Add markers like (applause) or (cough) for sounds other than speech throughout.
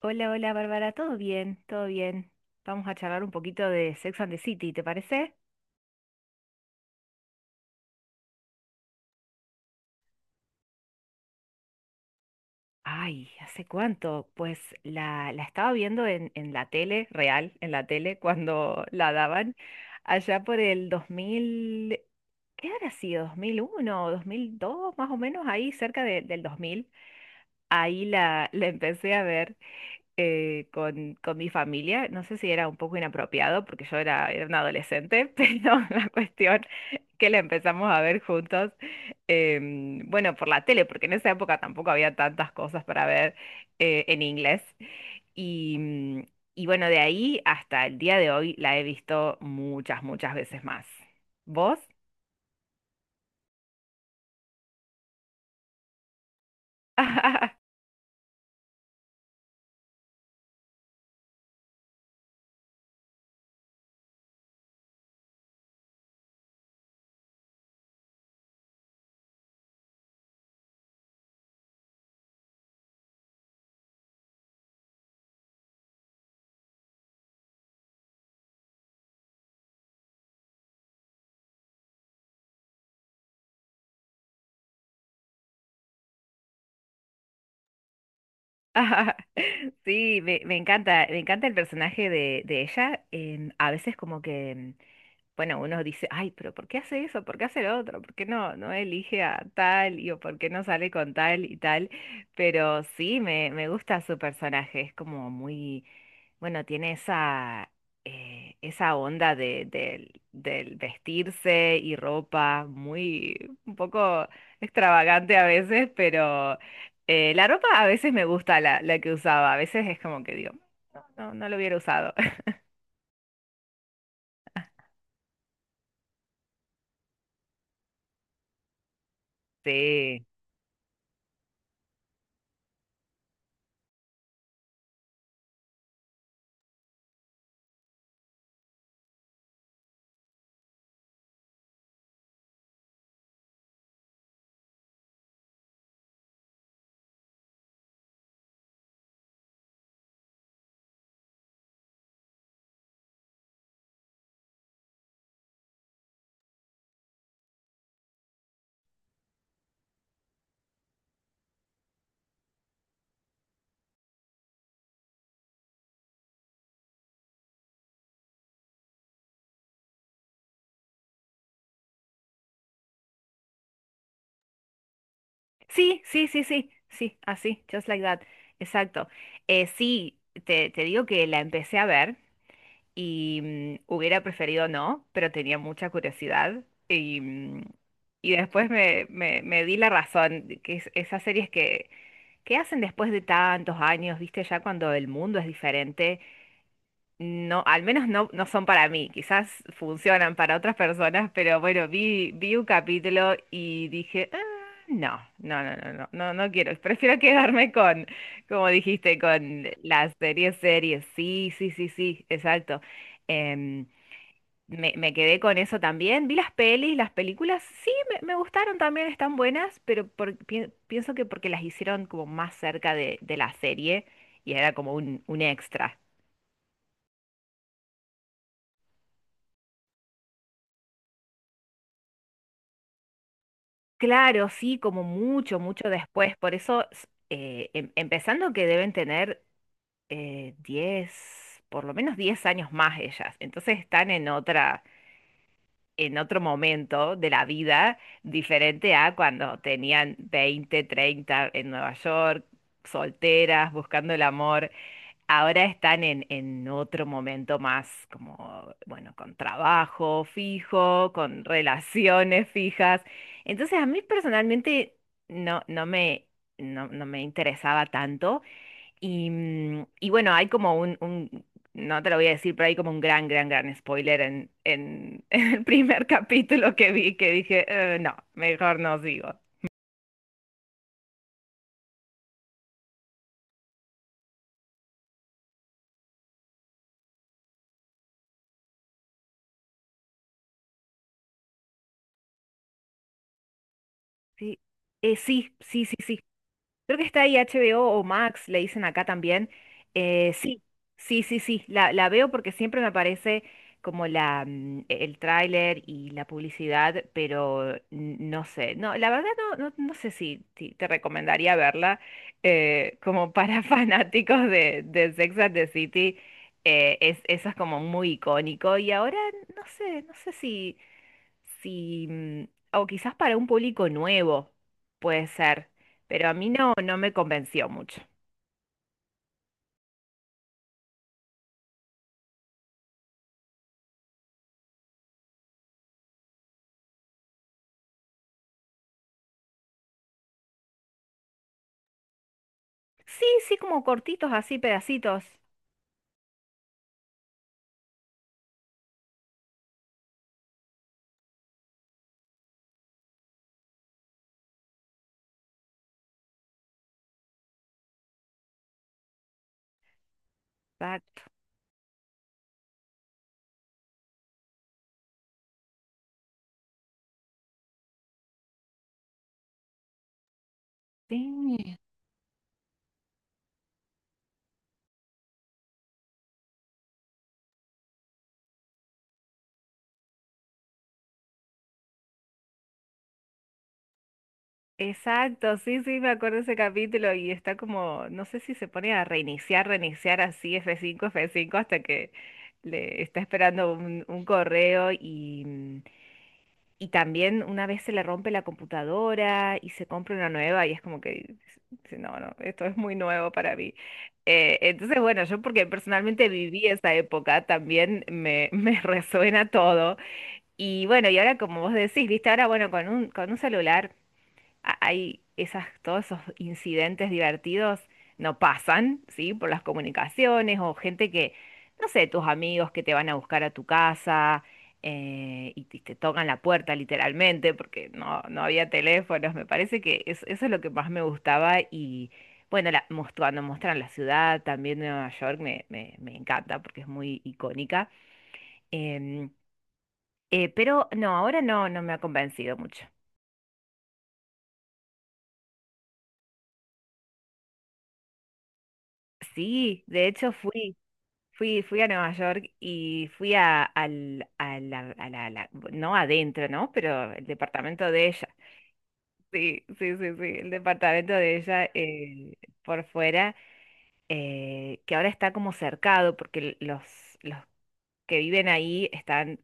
Hola, hola Bárbara, ¿todo bien? ¿Todo bien? Vamos a charlar un poquito de Sex and the City, ¿te parece? Ay, ¿hace cuánto? Pues la estaba viendo en la tele, real, en la tele, (laughs) cuando la daban, allá por el dos mil, ¿qué habrá sido? ¿2001 o dos? Más o menos ahí, cerca de- del dos mil. Ahí la empecé a ver, con mi familia. No sé si era un poco inapropiado porque yo era, era una adolescente, (laughs) pero la cuestión que la empezamos a ver juntos, bueno, por la tele, porque en esa época tampoco había tantas cosas para ver en inglés. Y, mm, y bueno, de ahí hasta el día de hoy la he visto muchas, muchas veces más. ¿Vos? (laughs) Sí, me encanta el personaje de ella. A veces como que bueno, uno dice, ay, pero ¿por qué hace eso? ¿Por qué hace lo otro? ¿Por qué no elige a tal y o por qué no sale con tal y tal? Pero sí, me gusta su personaje, es como muy, bueno, tiene esa, esa onda de, del vestirse y ropa, muy, un poco extravagante a veces, pero la ropa a veces me gusta la que usaba, a veces es como que digo, no, no, no lo hubiera usado. (laughs) Sí. Sí, sí, sí, sí, sí, así, just like that. Exacto. Sí, te digo que la empecé a ver y hubiera preferido no, pero tenía mucha curiosidad y después me di la razón, de que es- esas series que hacen después de tantos años, viste, ya cuando el mundo es diferente, no, al menos no, no son para mí, quizás funcionan para otras personas, pero bueno, vi, vi un capítulo y dije: "Ah, no, no, no, no, no, no, no quiero, prefiero quedarme con, como dijiste, con las series, series, sí, sí, sí, sí, exacto." Em, me quedé con eso también, vi las pelis, las películas, sí, me gustaron también, están buenas, pero por- pi- pienso que porque las hicieron como más cerca de la serie y era como un extra. Claro, sí, como mucho, mucho después. Por eso, s- em- empezando que deben tener 10, por lo menos 10 años más ellas. Entonces están en otra, en otro momento de la vida diferente a cuando tenían 20, 30 en Nueva York, solteras, buscando el amor. Ahora están en otro momento más como, bueno, con trabajo fijo, con relaciones fijas. Entonces a mí personalmente no, no, no me interesaba tanto. Y bueno, hay como un- no te lo voy a decir, pero hay como un gran, gran, gran spoiler (laughs) en el primer capítulo que vi, que dije: no, mejor no sigo." Sí, sí, sí, sí, sí. Creo que está ahí HBO o Max, le dicen acá también. Sí, sí, sí, sí, la veo porque siempre me aparece como el tráiler y la publicidad, pero n- no sé, no, la verdad no, no, no sé si, si te recomendaría verla, como para (laughs) fanáticos de Sex and the City, es, eso es como muy icónico y ahora no sé, no sé si si, o quizás para un público nuevo, puede ser, pero a mí no, no me convenció mucho. Sí, sí, como cortitos, así, pedacitos. Exacto. Sí. Exacto, sí, sí, me acuerdo ese capítulo y está como, no sé si se pone a reiniciar, reiniciar así f cinco hasta que le está esperando un correo y también una vez se le rompe la computadora y se compra una nueva y es como que, dice, no, no, esto es muy nuevo para mí. Entonces, bueno, yo porque personalmente viví esa época, también me, (laughs) me resuena todo. Y bueno, y ahora como vos decís, viste, ahora bueno, con un celular a- hay esas, todos esos incidentes divertidos no pasan, ¿sí? Por las comunicaciones o gente que, no sé, tus amigos que te van a buscar a tu casa, y te tocan la puerta literalmente porque no, no había teléfonos. Me parece que es- eso es lo que más me gustaba y bueno, la, mos- cuando muestran la ciudad también de Nueva York me encanta porque es muy icónica. Em, pero no, ahora no, no me ha convencido mucho. Sí, de hecho fui. Fui, fui a Nueva York y fui a, al, a la, a la- a la- no adentro, ¿no? Pero el departamento de ella. Sí, sí, sí, sí, el departamento de ella por fuera, que ahora está como cercado porque l- los que viven ahí están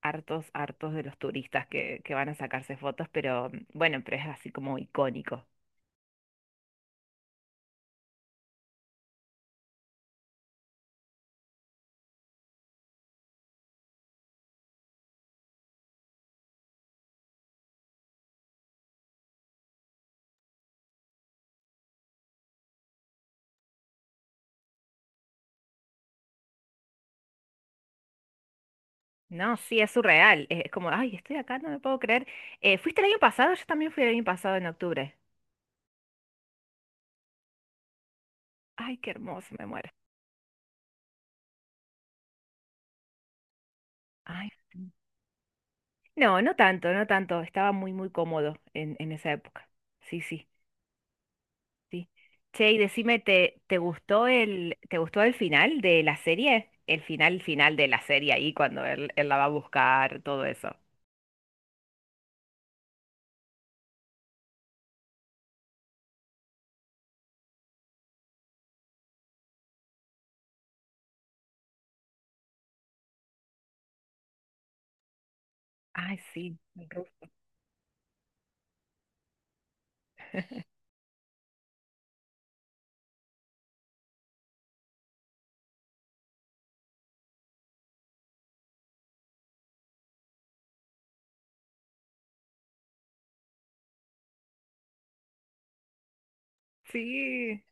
hartos, hartos de los turistas que van a sacarse fotos, pero bueno, pero es así como icónico. No, sí, es surreal. Es, como, ay, estoy acá, no me puedo creer. ¿Fuiste el año pasado? Yo también fui el año pasado en octubre. Ay, qué hermoso, me muero. Ay, sí. No, no tanto, no tanto. Estaba muy, muy cómodo en esa época. Sí, sí, sí. Che, y decime, ¿te, te gustó el final de la serie? El final, final de la serie ahí cuando él la va a buscar, todo eso. Ay, sí, el Ruf. Sí.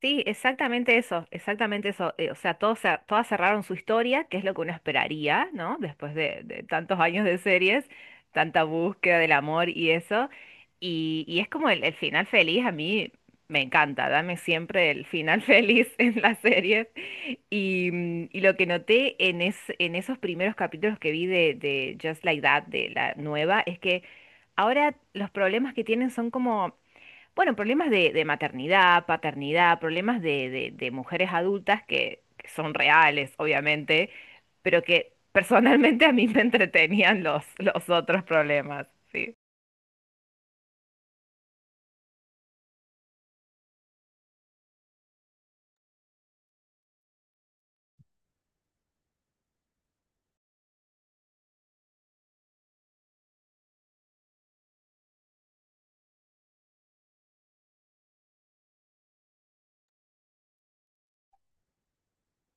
Sí, exactamente eso, exactamente eso. O sea, todos, cer- todas cerraron su historia, que es lo que uno esperaría, ¿no? Después de tantos años de series, tanta búsqueda del amor y eso. Y es como el final feliz, a mí me encanta, dame siempre el final (laughs) feliz en las series. Y lo que noté en, es, en esos primeros capítulos que vi de Just Like That, de la nueva, es que ahora los problemas que tienen son como... Bueno, problemas de maternidad, paternidad, problemas de mujeres adultas que son reales, obviamente, pero que personalmente a mí me entretenían los otros problemas, sí.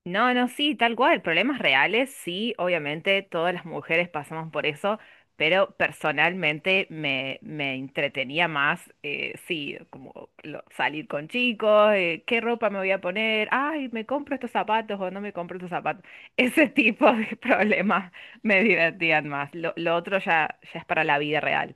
No, no, sí, tal cual, problemas reales, sí, obviamente todas las mujeres pasamos por eso, pero personalmente me entretenía más, sí, como lo- salir con chicos, qué ropa me voy a poner, ay, me compro estos zapatos o no me compro estos zapatos, (laughs) ese tipo de (laughs) problemas me divertían más, lo otro ya, ya es para la vida real.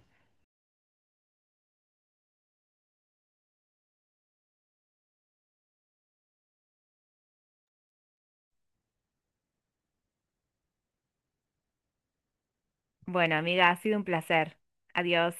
Bueno, amiga, ha sido un placer, adiós.